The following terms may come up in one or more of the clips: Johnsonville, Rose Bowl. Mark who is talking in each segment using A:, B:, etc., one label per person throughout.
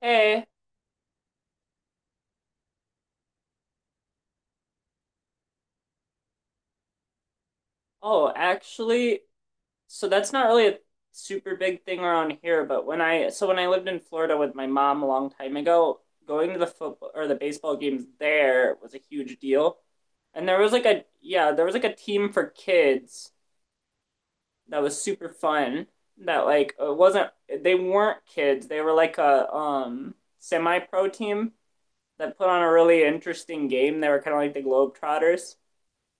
A: Hey. Actually, that's not really a super big thing around here, but when I lived in Florida with my mom a long time ago, going to the football or the baseball games there was a huge deal. And there was like a yeah, there was like a team for kids that was super fun that like it wasn't they weren't kids. They were like a semi-pro team that put on a really interesting game. They were kind of like the Globetrotters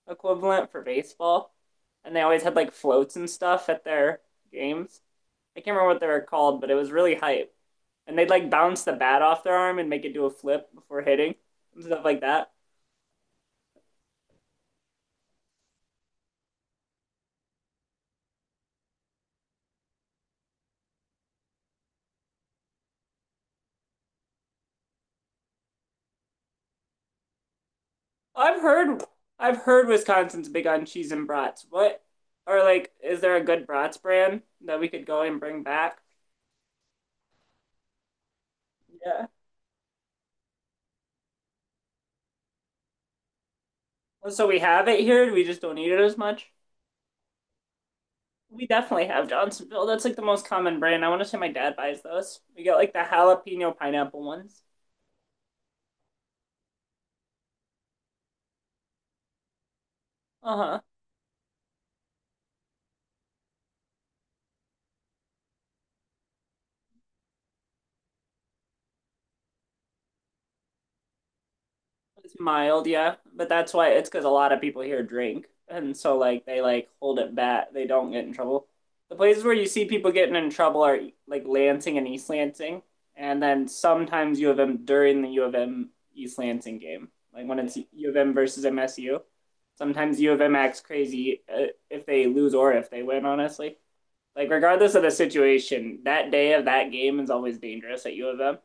A: equivalent for baseball, and they always had like floats and stuff at their games. I can't remember what they were called, but it was really hype. And they'd like bounce the bat off their arm and make it do a flip before hitting and stuff like that. I've heard I've heard Wisconsin's big on cheese and brats. What or like is there a good brats brand that we could go and bring back? Yeah. So we have it here, we just don't eat it as much. We definitely have Johnsonville. That's like the most common brand. I want to say my dad buys those. We get like the jalapeno pineapple ones. Uh-huh. It's mild, yeah. But that's why, it's because a lot of people here drink. And so like they like hold it back. They don't get in trouble. The places where you see people getting in trouble are like Lansing and East Lansing. And then sometimes U of M during the U of M East Lansing game. Like when it's U of M versus MSU. Sometimes U of M acts crazy if they lose or if they win, honestly. Like regardless of the situation, that day of that game is always dangerous at U of M.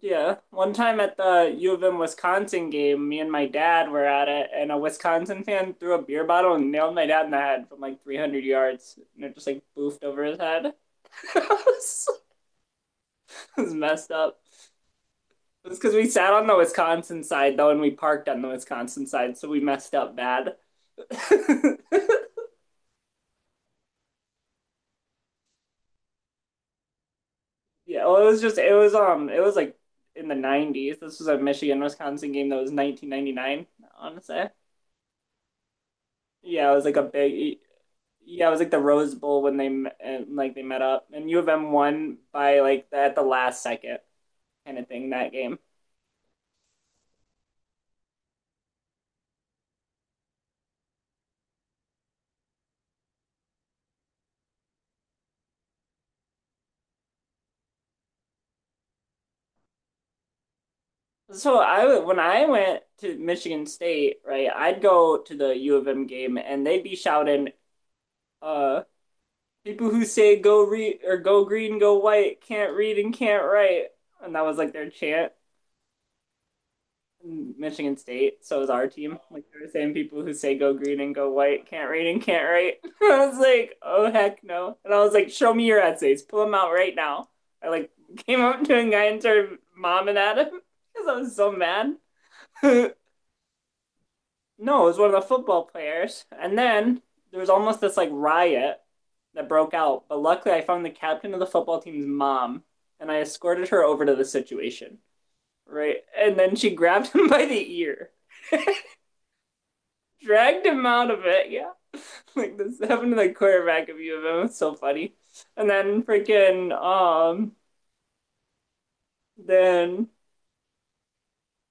A: Yeah, one time at the U of M Wisconsin game, me and my dad were at it, and a Wisconsin fan threw a beer bottle and nailed my dad in the head from like 300 yards, and it just like boofed over his head. It was, it was messed up. It was because we sat on the Wisconsin side though, and we parked on the Wisconsin side, so we messed up bad. Yeah, well, it was just it was like in the 90s. This was a Michigan Wisconsin game that was 1999, I want to say. Yeah, it was like a big, yeah, it was like the Rose Bowl when they met up, and U of M won by like at the last second kind of thing that game. So I when I went to Michigan State, right, I'd go to the U of M game, and they'd be shouting, "Uh, people who say go read or go green, go white can't read and can't write," and that was like their chant. Michigan State, so is our team. Like they're the same people who say go green and go white, can't read and can't write. I was like, oh heck no. And I was like, show me your essays, pull them out right now. I like came up to a guy and turned mom and at him because I was so mad. No, it was one of the football players. And then there was almost this like riot that broke out. But luckily, I found the captain of the football team's mom and I escorted her over to the situation. Right. And then she grabbed him by the ear, dragged him out of it. Yeah. Like this happened to the quarterback of U of M. It's so funny. And then freaking then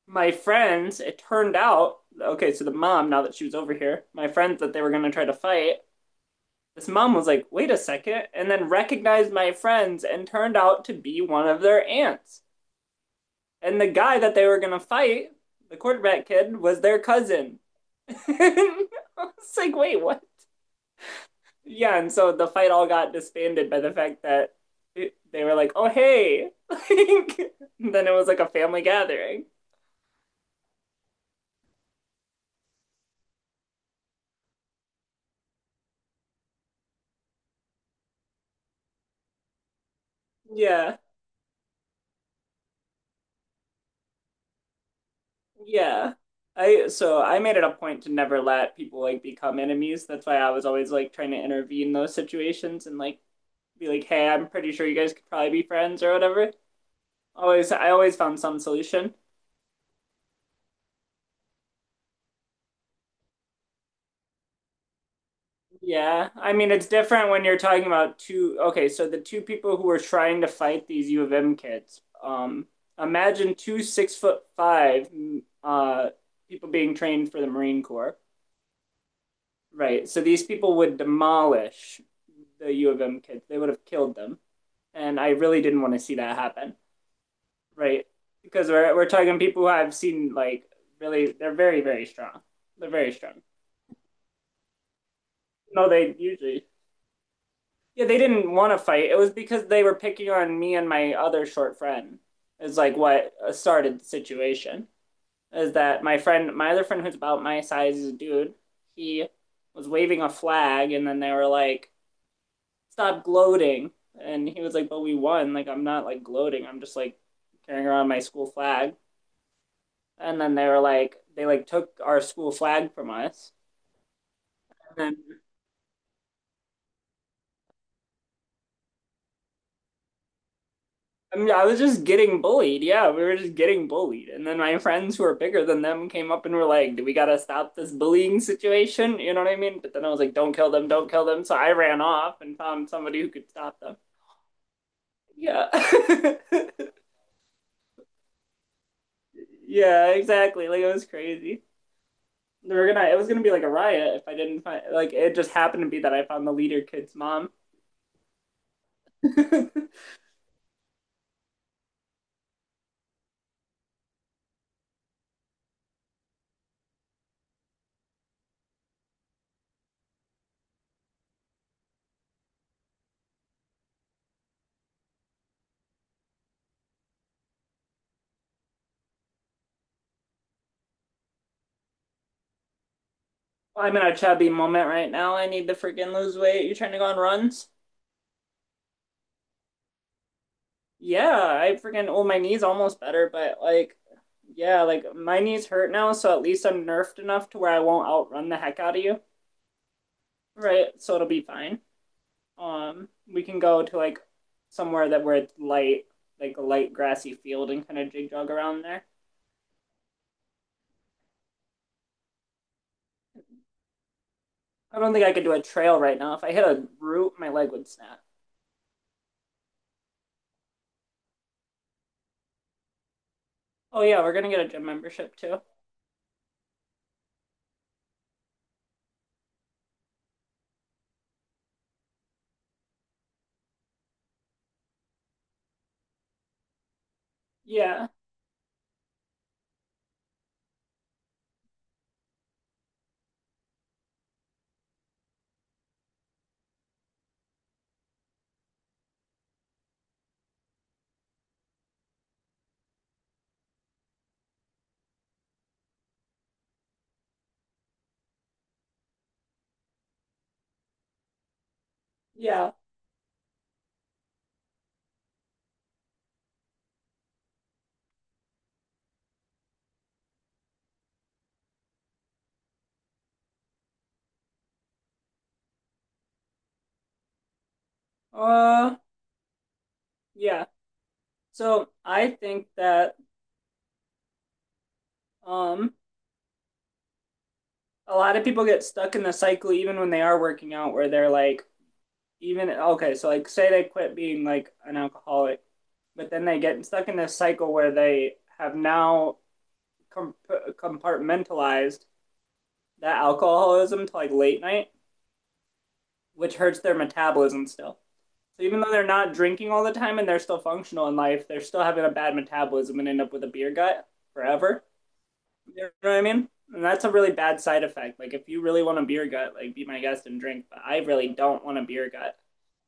A: my friends, it turned out okay, so the mom, now that she was over here, my friends that they were gonna try to fight, this mom was like, "Wait a second!" and then recognized my friends and turned out to be one of their aunts. And the guy that they were gonna fight, the quarterback kid, was their cousin. I was like, wait, what? Yeah, and so the fight all got disbanded by the fact that they were like, "Oh, hey!" Then it was like a family gathering. Yeah, yeah. I so I made it a point to never let people like become enemies. That's why I was always like trying to intervene in those situations and like be like, "Hey, I'm pretty sure you guys could probably be friends or whatever." I always found some solution. Yeah, I mean it's different when you're talking about two. Okay, so the two people who were trying to fight these U of M kids. Imagine two six foot five uh, people being trained for the Marine Corps, right? So these people would demolish the U of M kids. They would have killed them, and I really didn't want to see that happen, right? Because we're talking people who I've seen like really, they're very strong. They're very strong. No, they usually, yeah, they didn't want to fight. It was because they were picking on me and my other short friend. Is like what started the situation. Is that my friend, my other friend who's about my size is a dude. He was waving a flag and then they were like, "Stop gloating." And he was like, "But we won. Like I'm not like gloating. I'm just like carrying around my school flag." And then they were like, they like took our school flag from us. And then I mean, I was just getting bullied. Yeah, we were just getting bullied. And then my friends who are bigger than them came up and were like, "Do we gotta stop this bullying situation?" You know what I mean? But then I was like, "Don't kill them, don't kill them." So I ran off and found somebody who could stop them. Yeah. Yeah, exactly. Like it was crazy. They were gonna, it was gonna be like a riot if I didn't find, like it just happened to be that I found the leader kid's mom. I'm in a chubby moment right now. I need to freaking lose weight. You trying to go on runs? Yeah, I freaking, well, my knee's almost better, but like, yeah, like my knees hurt now, so at least I'm nerfed enough to where I won't outrun the heck out of you, right? So it'll be fine. Um, we can go to like somewhere that where it's light, like a light grassy field and kind of jig jog around there. I don't think I could do a trail right now. If I hit a root, my leg would snap. Oh yeah, we're gonna get a gym membership too. Yeah, yeah. Uh, yeah. So I think that um a lot of people get stuck in the cycle even when they are working out where they're like, even, okay, so like say they quit being like an alcoholic, but then they get stuck in this cycle where they have now com- compartmentalized that alcoholism to like late night, which hurts their metabolism still, so even though they're not drinking all the time and they're still functional in life, they're still having a bad metabolism and end up with a beer gut forever. You know what I mean? And that's a really bad side effect. Like if you really want a beer gut, like be my guest and drink. But I really don't want a beer gut.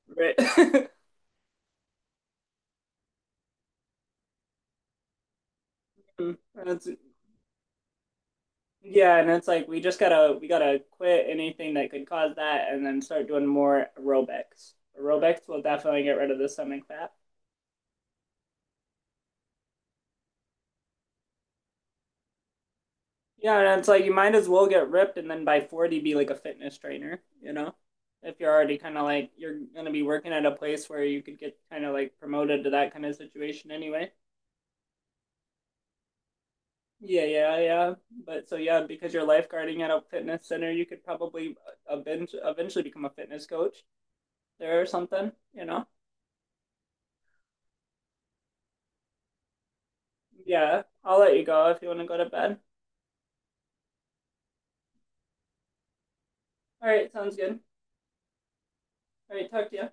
A: Right? And it's- yeah, and it's like we gotta quit anything that could cause that, and then start doing more aerobics. Aerobics will definitely get rid of the stomach fat. Yeah, and it's like you might as well get ripped, and then by forty be like a fitness trainer. You know, if you're already kind of like, you're gonna be working at a place where you could get kind of like promoted to that kind of situation anyway. Yeah, yeah, yeah. But so yeah, because you're lifeguarding at a fitness center, you could probably eventually become a fitness coach there or something, you know? Yeah, I'll let you go if you want to go to bed. All right, sounds good. All right, talk to you.